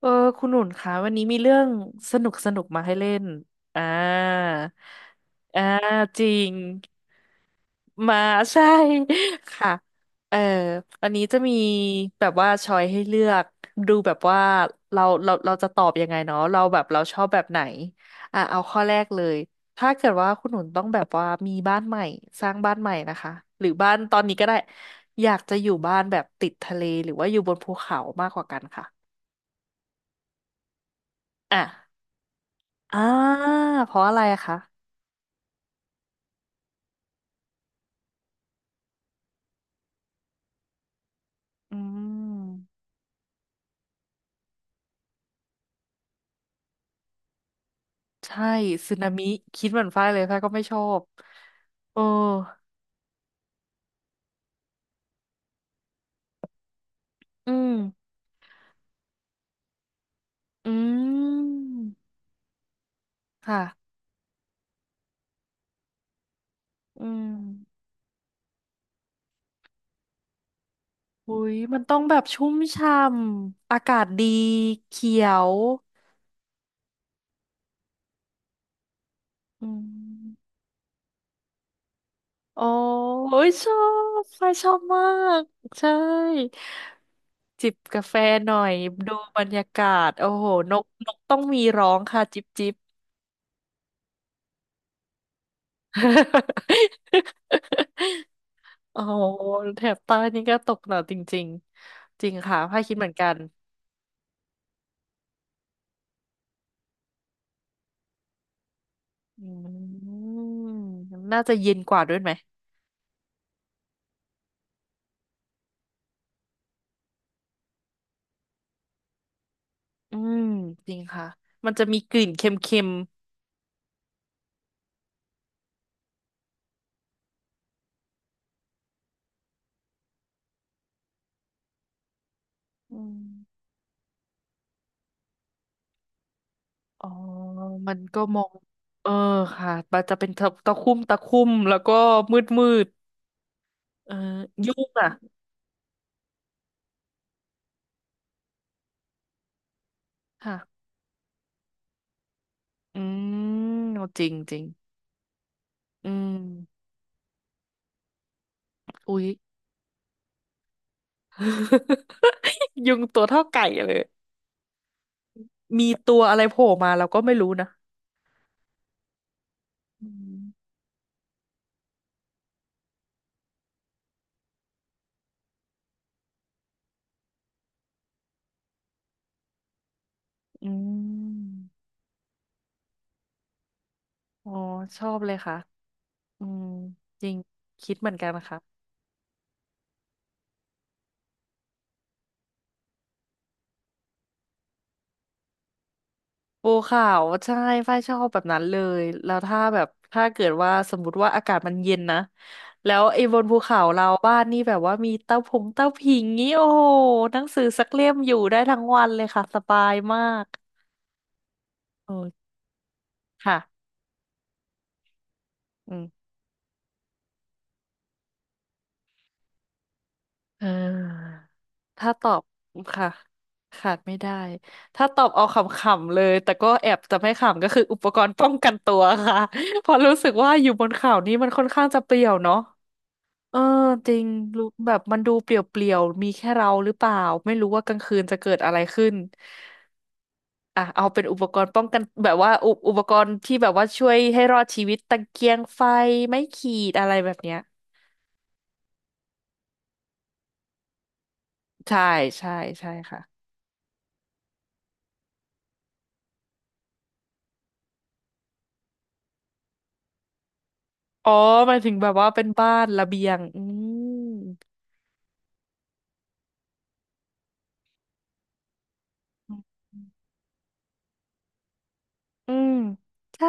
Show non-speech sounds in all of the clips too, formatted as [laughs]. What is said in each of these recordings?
เออคุณหนุนคะวันนี้มีเรื่องสนุกมาให้เล่นอ่าอ่าจริงมา [laughs] ใช่ [laughs] ค่ะเอออันนี้จะมีแบบว่าชอยให้เลือกดูแบบว่าเราจะตอบยังไงเนาะเราแบบเราชอบแบบไหนเอาข้อแรกเลยถ้าเกิดว่าคุณหนุนต้องแบบว่ามีบ้านใหม่สร้างบ้านใหม่นะคะหรือบ้านตอนนี้ก็ได้อยากจะอยู่บ้านแบบติดทะเลหรือว่าอยู่บนภูเขามากกว่ากันค่ะอ่ะ อ่าเพราะอะไรอะคะอืมใช่สึนามิคิดเหมือนฝ้ายเลยฝ้ายก็ไม่ชอบเอออืมอืมค่ะอืมอุ้ยมันต้องแบบชุ่มช่ำอากาศดีเขียวอืมโอ้ยชอบไฟชอบมากใช่จิบกาแฟหน่อยดูบรรยากาศโอ้โหนกนกต้องมีร้องค่ะจิบจิบ [laughs] โอ้โหแถบใต้นี่ก็ตกหนักจริงๆจริงค่ะพ้ายคิดเหมือนกันอืมน่าจะเย็นกว่าด้วยไหมอืมจริงค่ะมันจะมีกลิ่นเค็มๆอืมอ๋อมันก็มองเออค่ะมันจะเป็นตะคุ่มตะคุ่มแล้วก็มืดมืดเออยุ่งอ่ะค่ะอืมเอาจริงจริงอืมอุ๊ย [laughs] ยุงตัวเท่าไก่เลยมีตัวอะไรโผล่มาเราก็ไม่รู้นะอืม อืมอ๋อชอบเลยค่ะอืมจริงคิดเหมือนกันนะคะปูขาวใช่ฝ้ายชอบแบบนั้นเลยแล้วถ้าแบบถ้าเกิดว่าสมมติว่าอากาศมันเย็นนะแล้วไอ้บนภูเขาเราบ้านนี่แบบว่ามีเต้าผงเต้าผิงงี้โอ้โหหนังสือสักเล่มอยู่ได้ทั้งวันเลยค่ะสบายมากโอ้ค่ะอืมอ่า ถ้าตอบค่ะขาดไม่ได้ถ้าตอบเอาขำๆเลยแต่ก็แอบจะไม่ขำก็คืออุปกรณ์ป้องกันตัวค่ะ [laughs] เพราะรู้สึกว่าอยู่บนเขานี่มันค่อนข้างจะเปลี่ยวเนาะเออจริงรู้แบบมันดูเปลี่ยวๆมีแค่เราหรือเปล่าไม่รู้ว่ากลางคืนจะเกิดอะไรขึ้นอ่ะเอาเป็นอุปกรณ์ป้องกันแบบว่าอุปกรณ์ที่แบบว่าช่วยให้รอดชีวิตตะเกียงไฟไม้ขีดอะไรแบบเนี้ยใช่ใช่ใช่ค่ะอ๋อหมายถึงแบบว่าเป็นบ้านระเบียงอืม อืมใช่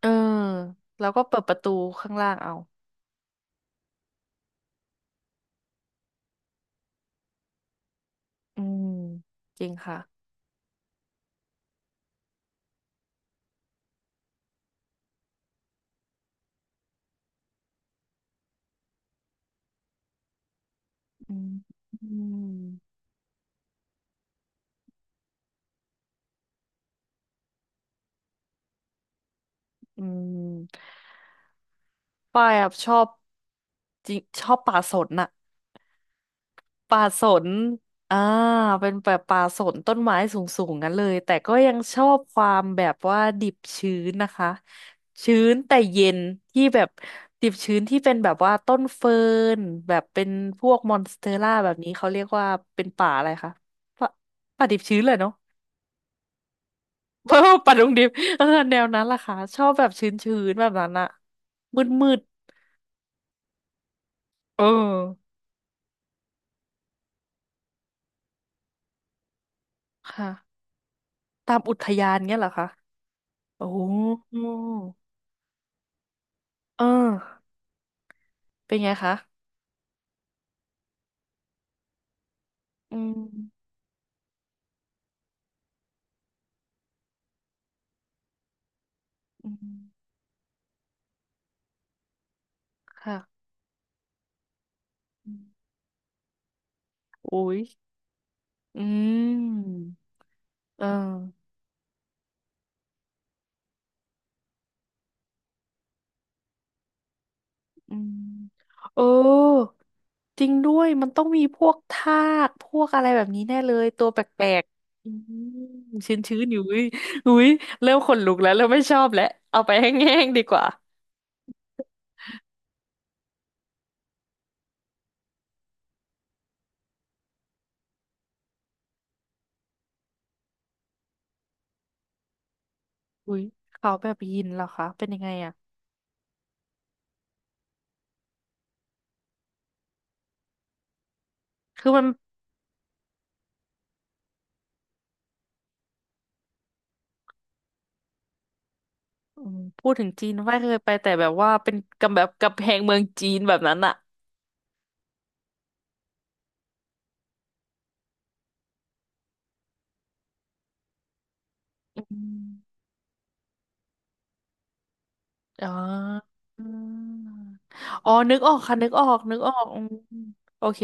เออแล้วก็เปิดประตูข้างล่างเอาอืมจริงค่ะอืมอืมอืมป้ายอะชอบจริงชอบป่าสนน่ะ ป่าสนอ่าเป็นแบบป่าสนต้นไม้สูงๆงั้นเลย แต่ก็ยังชอบความแบบว่าดิบชื้นนะคะ ชื้นแต่เย็นที่แบบดิบชื้นที่เป็นแบบว่าต้นเฟิร์นแบบเป็นพวกมอนสเตอร่าแบบนี้เขาเรียกว่าเป็นป่าอะไรคะป่าป่าดิบชื้นเลยเนาะ [laughs] เ่าป่าดงดิบแนวนั้นล่ะค่ะชอบแบบชื้นๆแบบนั้นอะมืดๆค่ะตามอุทยานเงี้ยเหรอคะโอ้โหเออ เป็นไงคะ อืมอืมค่ะอืมอุ้ยอืมเอออืมเออจริงด้วย มันต้องมีพวกทากพวกอะไรแบบนี้แน่เลย ตัวแปลกๆอืมชื้นชื้นอยู่อุ้ยอุ้ยเริ่มขนลุกแล้วเริ่มไม่ชอบแล้วเอาไปแห้งๆดีกว่าอุ้ยเขาแบบยินเหรอคะ เป็นยังไงอะคือมันอืมพูดถึงจีนไม่าเคยไปแต่แบบว่าเป็นกับแบบกับแพงเมืองจีนแบบนั้นอะอืม อ๋ออืมอ๋อนึกออกค่ะนึกออกนึกออกอืมโอเค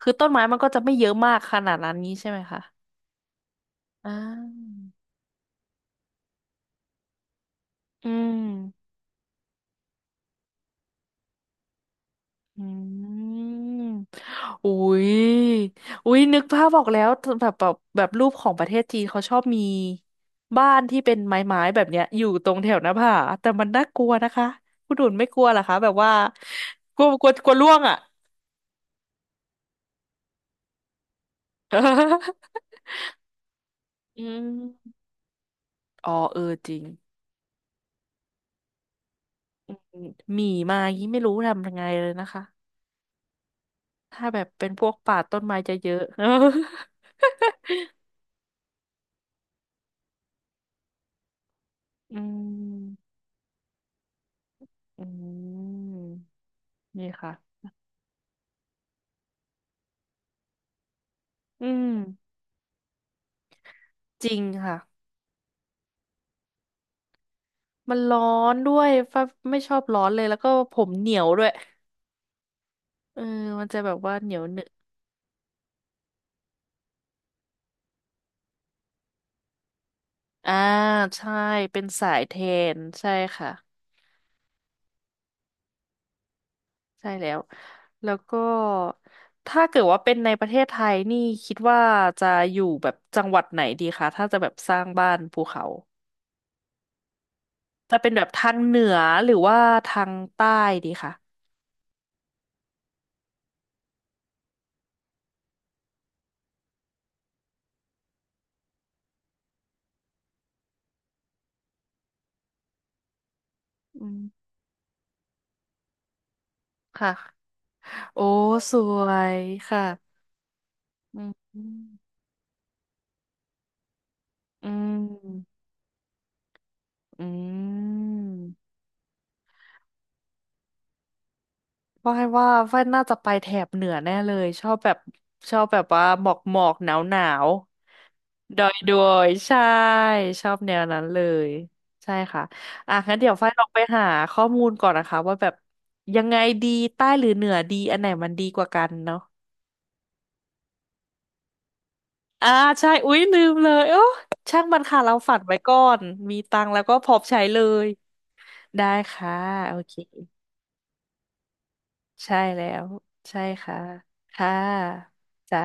คือต้นไม้มันก็จะไม่เยอะมากขนาดนั้นนี้ใช่ไหมคะอ่าอืมอืมอุ้ยอุ้ยนึกภาพออกแล้วแบบรูปของประเทศจีนเขาชอบมีบ้านที่เป็นไม้ๆแบบเนี้ยอยู่ตรงแถวหน้าผาแต่มันน่ากลัวนะคะคุณดุนไม่กลัวเหรอคะแบบว่ากลัวกลัวกลัวร่วงอ่ะ [laughs] อืมอ๋อจริง หมีมายี่ไม่รู้ทำยังไงเลยนะคะ ถ้าแบบเป็นพวกป่าต้นไม้จะเยอะ [laughs] อืมอืมนี่ค่ะอืมจริงค่ะ มันร้อนด้วยฟ้าไม่ชอบร้อนเลย แล้วก็ผมเหนียวด้วยเออมันจะแบบว่าเหนียวหนึบอ่าใช่ เป็นสายเทน ใช่ค่ะ ใช่แล้ว แล้วก็ ถ้าเกิดว่าเป็นในประเทศไทยนี่คิดว่าจะอยู่แบบจังหวัดไหนดีคะถ้าจะแบบสร้างบ้านภูเขา จะเป็นแบบทางเหนือหรือว่าทางใต้ดีค่ะอืมค่ะโอ้สวยค่ะอืมอืมฝ้ายว่าฝ้ายน่าจะไปแถบเหนือแน่เลยชอบแบบชอบแบบว่าหมอกหมอกหนาวหนาวดอยดอยๆใช่ชอบแนวนั้นเลยใช่ค่ะอ่ะงั้นเดี๋ยวฝ้ายลองไปหาข้อมูลก่อนนะคะว่าแบบยังไงดีใต้หรือเหนือดีอันไหนมันดีกว่ากันเนาะ อ่าใช่อุ๊ยลืมเลยโอ้ช่างมันค่ะเราฝันไว้ก่อนมีตังค์แล้วก็พร้อมใช้เลยได้ค่ะโอเคใช่แล้วใช่ค่ะค่ะจ้า